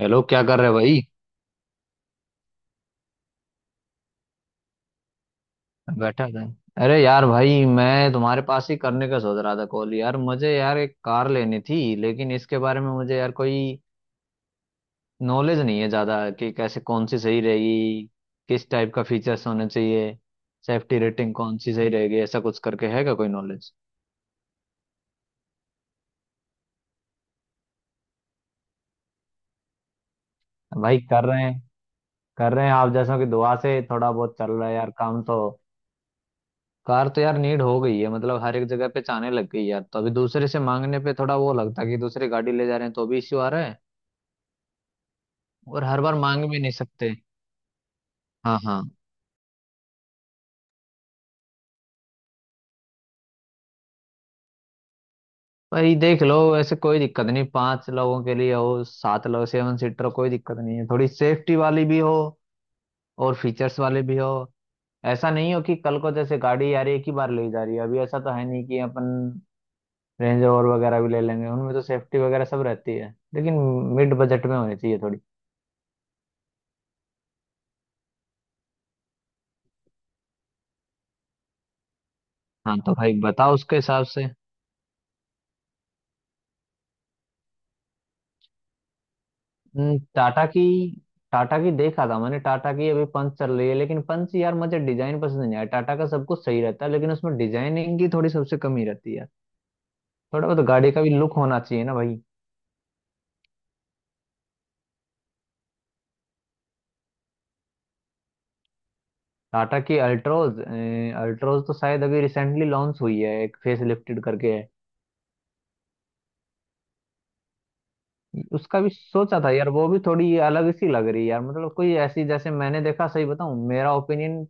Hello. क्या कर रहे भाई। बैठा था। अरे यार भाई, मैं तुम्हारे पास ही करने का सोच रहा था कॉल। यार मुझे यार एक कार लेनी थी, लेकिन इसके बारे में मुझे यार कोई नॉलेज नहीं है ज़्यादा, कि कैसे, कौन सी सही रहेगी, किस टाइप का फीचर्स होने चाहिए, सेफ्टी रेटिंग कौन सी सही रहेगी, ऐसा कुछ करके है क्या कोई नॉलेज। भाई कर रहे हैं, कर रहे हैं आप जैसों की दुआ से थोड़ा बहुत चल रहा है यार काम तो। कार तो यार नीड हो गई है, मतलब हर एक जगह पे जाने लग गई यार, तो अभी दूसरे से मांगने पे थोड़ा वो लगता है कि दूसरी गाड़ी ले जा रहे हैं, तो भी इश्यू आ रहा है। और हर बार मांग भी नहीं सकते। हाँ, हाँ। भाई देख लो, ऐसे कोई दिक्कत नहीं, पांच लोगों के लिए हो, सात लोग सेवन सीटर कोई दिक्कत नहीं है, थोड़ी सेफ्टी वाली भी हो और फीचर्स वाली भी हो। ऐसा नहीं हो कि कल को जैसे गाड़ी, यार एक ही बार ले जा रही है अभी, ऐसा तो है नहीं कि अपन रेंज रोवर वगैरह भी ले लेंगे, उनमें तो सेफ्टी वगैरह सब रहती है लेकिन। मिड बजट में होनी चाहिए थोड़ी। हाँ, तो भाई बताओ उसके हिसाब से। हम्म, टाटा की टाटा की देखा था मैंने। टाटा की अभी पंच चल रही है, लेकिन पंच यार मुझे डिजाइन पसंद नहीं आया। टाटा का सब कुछ सही रहता है, लेकिन उसमें डिजाइनिंग की थोड़ी सबसे कमी रहती है यार। थोड़ा बहुत गाड़ी का भी लुक होना चाहिए ना भाई। टाटा की अल्ट्रोज। अल्ट्रोज तो शायद अभी रिसेंटली लॉन्च हुई है, एक फेस लिफ्टेड करके है। उसका भी सोचा था यार, वो भी थोड़ी अलग सी लग रही है यार, मतलब कोई ऐसी। जैसे मैंने देखा, सही बताऊं मेरा ओपिनियन,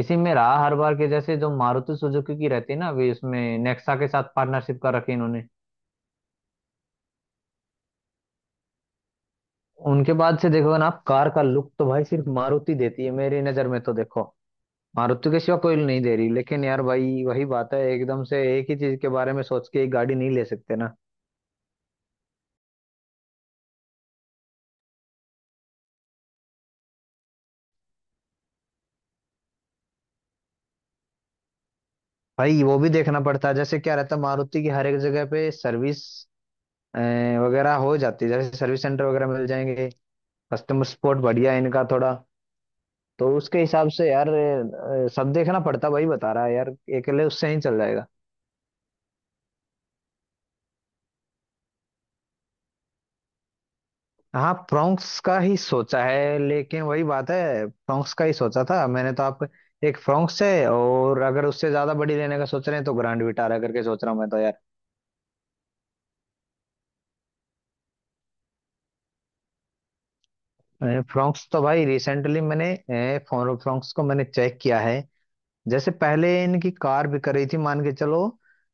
इसी में रहा हर बार के जैसे, जो मारुति सुजुकी की रहती है ना, अभी इसमें नेक्सा के साथ पार्टनरशिप का रखी इन्होंने, उनके बाद से देखोगे ना आप, कार का लुक तो भाई सिर्फ मारुति देती है मेरी नजर में तो। देखो, मारुति के सिवा कोई नहीं दे रही, लेकिन यार भाई वही बात है, एकदम से एक ही चीज के बारे में सोच के एक गाड़ी नहीं ले सकते ना भाई। वो भी देखना पड़ता है, जैसे क्या रहता है मारुति की, हर एक जगह पे सर्विस वगैरह हो जाती है, जैसे सर्विस सेंटर वगैरह मिल जाएंगे, कस्टमर सपोर्ट बढ़िया है इनका थोड़ा। तो उसके हिसाब से यार, सब देखना पड़ता है, वही बता रहा है यार, अकेले उससे नहीं चल जाएगा। हाँ, फ्रोंक्स का ही सोचा है, लेकिन वही बात है। फ्रोंक्स का ही सोचा था मैंने तो। आप, एक फ्रोंक्स है, और अगर उससे ज्यादा बड़ी लेने का सोच रहे हैं तो ग्रैंड विटारा करके सोच रहा हूँ मैं तो यार। फ्रोंक्स तो भाई रिसेंटली मैंने अ, फोन फ्रोंक्स को मैंने चेक किया है। जैसे पहले इनकी कार बिक रही थी मान के चलो,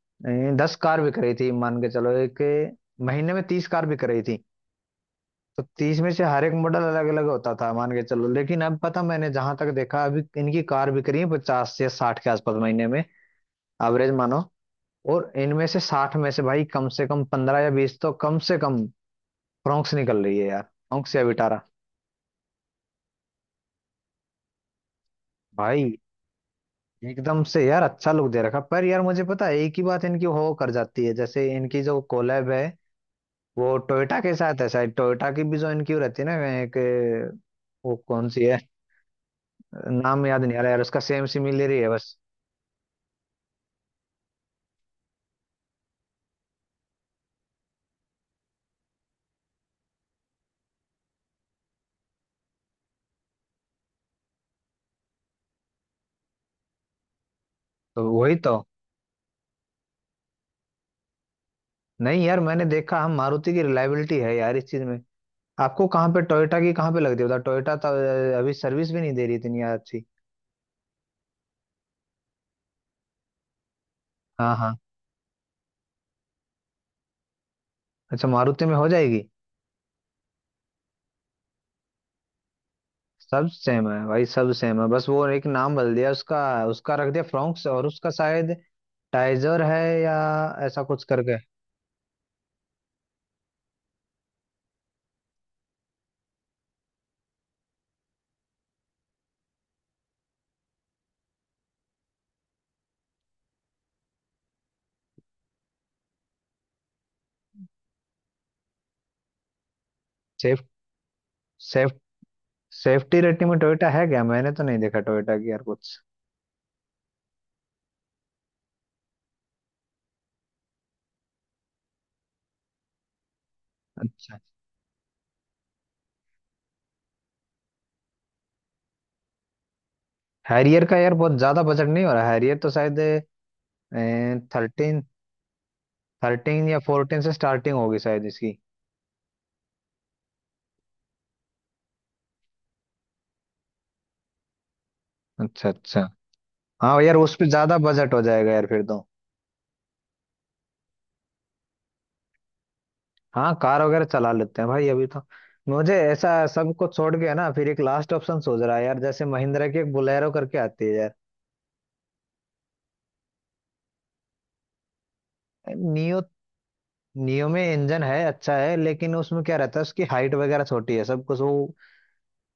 अ, 10 कार बिक रही थी मान के चलो, एक महीने में 30 कार बिक रही थी। तो तीस में से हर एक मॉडल अलग अलग होता था मान के चलो, लेकिन अब पता मैंने जहां तक देखा अभी इनकी कार बिक रही है 50 से 60 के आसपास महीने में, एवरेज मानो। और इनमें से 60 में से भाई कम से कम 15 या 20 तो कम से कम फ्रोंक्स निकल रही है यार, फ्रोंक्स या विटारा। भाई एकदम से यार अच्छा लुक दे रखा, पर यार मुझे पता है एक ही बात इनकी हो कर जाती है। जैसे इनकी जो कोलैब है वो टोयोटा के साथ है शायद, टोयोटा की भी जो इनकी वो रहती है ना एक, वो कौन सी है, नाम याद नहीं आ रहा यार उसका, सेम सिमिलर ही है बस। तो वही तो। नहीं यार मैंने देखा हम, मारुति की रिलायबिलिटी है यार इस चीज में। आपको कहाँ पे टोयोटा की, कहाँ पे लग रही है टोयोटा तो, अभी सर्विस भी नहीं दे रही इतनी अच्छी। हाँ, हाँ, अच्छा मारुति में हो जाएगी। सब सेम है भाई, सब सेम है, बस वो एक नाम बदल दिया उसका, उसका रख दिया फ्रोंक्स, और उसका शायद टाइजर है या ऐसा कुछ करके। सेफ सेफ सेफ्टी रेटिंग में टोयोटा है क्या, मैंने तो नहीं देखा टोयोटा की यार कुछ। अच्छा, हैरियर का यार बहुत ज्यादा बजट नहीं हो रहा, हैरियर तो शायद थर्टीन 13 या 14 से स्टार्टिंग होगी शायद इसकी। अच्छा, अच्छा। हाँ यार उस पे ज्यादा बजट हो जाएगा यार फिर तो। हाँ कार वगैरह चला लेते हैं भाई अभी तो। मुझे ऐसा सब कुछ छोड़ के है ना, फिर एक लास्ट ऑप्शन सोच रहा है यार, जैसे महिंद्रा की एक बोलेरो करके आती है यार। नियो। नियो में इंजन है अच्छा है, लेकिन उसमें क्या रहता है, उसकी हाइट वगैरह छोटी है सब कुछ। वो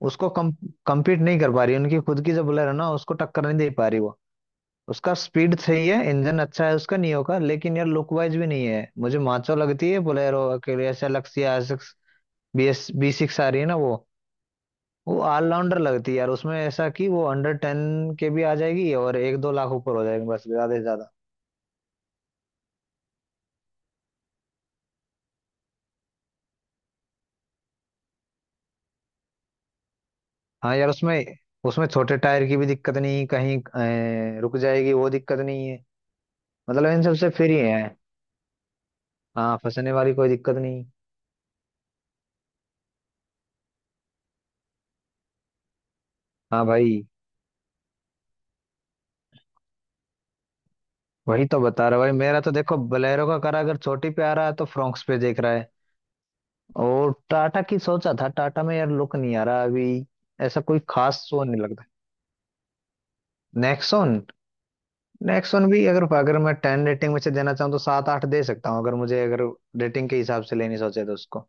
उसको कम compete नहीं कर पा रही, उनकी खुद की जो बोलेरो ना उसको टक्कर नहीं दे पा रही वो। उसका स्पीड सही है, इंजन अच्छा है उसका नियो का, लेकिन यार लुक वाइज भी नहीं है, मुझे माचो लगती है बोलेरो के लिए ऐसे, लक्सिया। BS6 आ रही है ना वो ऑलराउंडर लगती है यार। उसमें ऐसा कि वो अंडर 10 के भी आ जाएगी, और एक दो लाख ऊपर हो जाएगी बस ज्यादा से ज्यादा। हाँ यार उसमें, उसमें छोटे टायर की भी दिक्कत नहीं कहीं। रुक जाएगी, वो दिक्कत नहीं है, मतलब इन सबसे फ्री है। हाँ, फंसने वाली कोई दिक्कत नहीं। हाँ भाई। वही तो बता रहा भाई मेरा, तो देखो बलेरो का करा, अगर छोटी पे आ रहा है तो फ्रॉक्स पे देख रहा है। और टाटा की सोचा था, टाटा में यार लुक नहीं आ रहा अभी, ऐसा कोई खास वो नहीं लगता। नेक्सॉन। नेक्स्ट वन भी, अगर अगर मैं 10 रेटिंग में से देना चाहूँ तो सात आठ दे सकता हूँ, अगर मुझे अगर रेटिंग के हिसाब से लेनी सोचे तो उसको।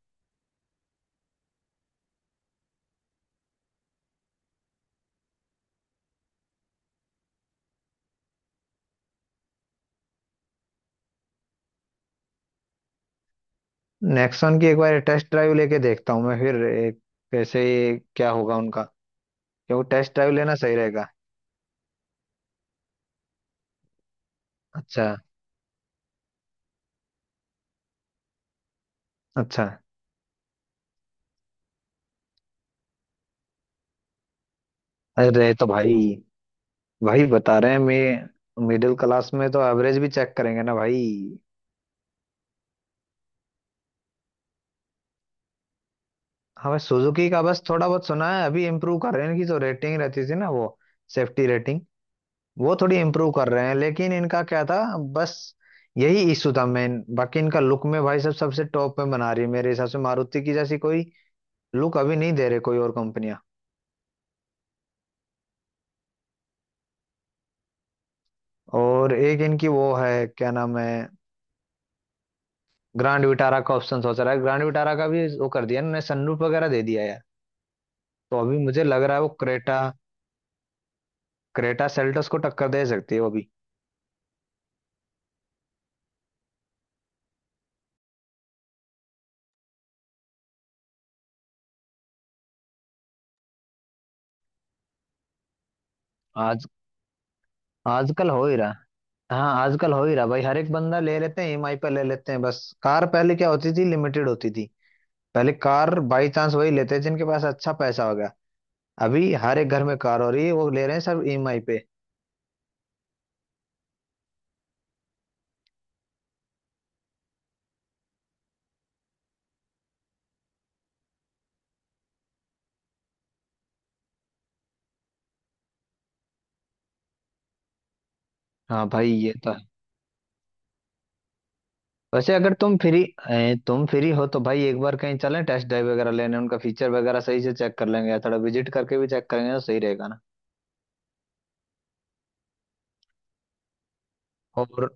नेक्स्ट वन की एक बार टेस्ट ड्राइव लेके देखता हूँ मैं फिर, एक कैसे क्या होगा उनका, क्योंकि टेस्ट ड्राइव लेना सही रहेगा। अच्छा, अच्छा। अरे तो भाई, भाई बता रहे हैं, मैं मिडिल क्लास में तो एवरेज भी चेक करेंगे ना भाई। हमें सुजुकी का बस थोड़ा बहुत सुना है, अभी इम्प्रूव कर रहे हैं इनकी जो रेटिंग रहती थी ना वो, सेफ्टी रेटिंग, वो थोड़ी इम्प्रूव कर रहे हैं लेकिन। इनका क्या था बस यही इशू था मेन, बाकी इनका लुक में भाई सब सबसे टॉप में बना रही है, मेरे हिसाब से मारुति की जैसी कोई लुक अभी नहीं दे रहे कोई और कंपनियां। और एक इनकी वो है क्या नाम है, ग्रैंड विटारा का ऑप्शन सोच रहा है। ग्रैंड विटारा का भी वो कर दिया इन्होंने, सनरूफ वगैरह दे दिया यार, तो अभी मुझे लग रहा है वो क्रेटा, क्रेटा सेल्टोस को टक्कर दे सकती है वो भी। आज, आजकल हो ही रहा। हाँ, आजकल हो ही रहा भाई, हर एक बंदा ले लेते हैं, ईएमआई पे ले लेते हैं बस। कार पहले क्या होती थी, लिमिटेड होती थी। पहले कार बाई चांस वही लेते हैं जिनके पास अच्छा पैसा होगा, अभी हर एक घर में कार हो रही है, वो ले रहे हैं सब ईएमआई पे। हाँ भाई, ये तो है। वैसे अगर तुम फ्री हो तो भाई एक बार कहीं चलें, टेस्ट ड्राइव वगैरह लेने, उनका फीचर वगैरह सही से चेक कर लेंगे, या थोड़ा विजिट करके भी चेक करेंगे तो सही रहेगा ना। और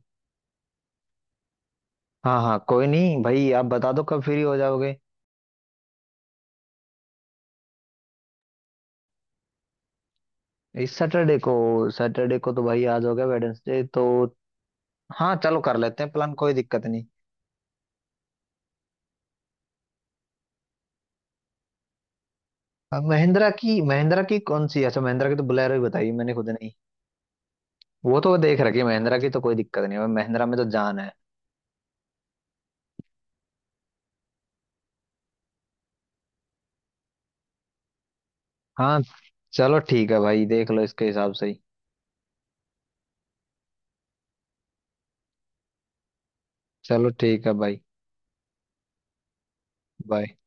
हाँ, हाँ कोई नहीं भाई, आप बता दो कब फ्री हो जाओगे। इस सैटरडे को तो भाई आज हो गया वेडनेसडे तो। हाँ चलो कर लेते हैं प्लान, कोई दिक्कत नहीं। अब महिंद्रा की कौन सी, अच्छा महिंद्रा की तो बोलेरो ही बताई मैंने, खुद नहीं, वो तो देख रखी है, महिंद्रा की तो कोई दिक्कत नहीं है, महिंद्रा में तो जान है। हाँ चलो ठीक है भाई, देख लो इसके हिसाब से ही। चलो ठीक है भाई। बाय।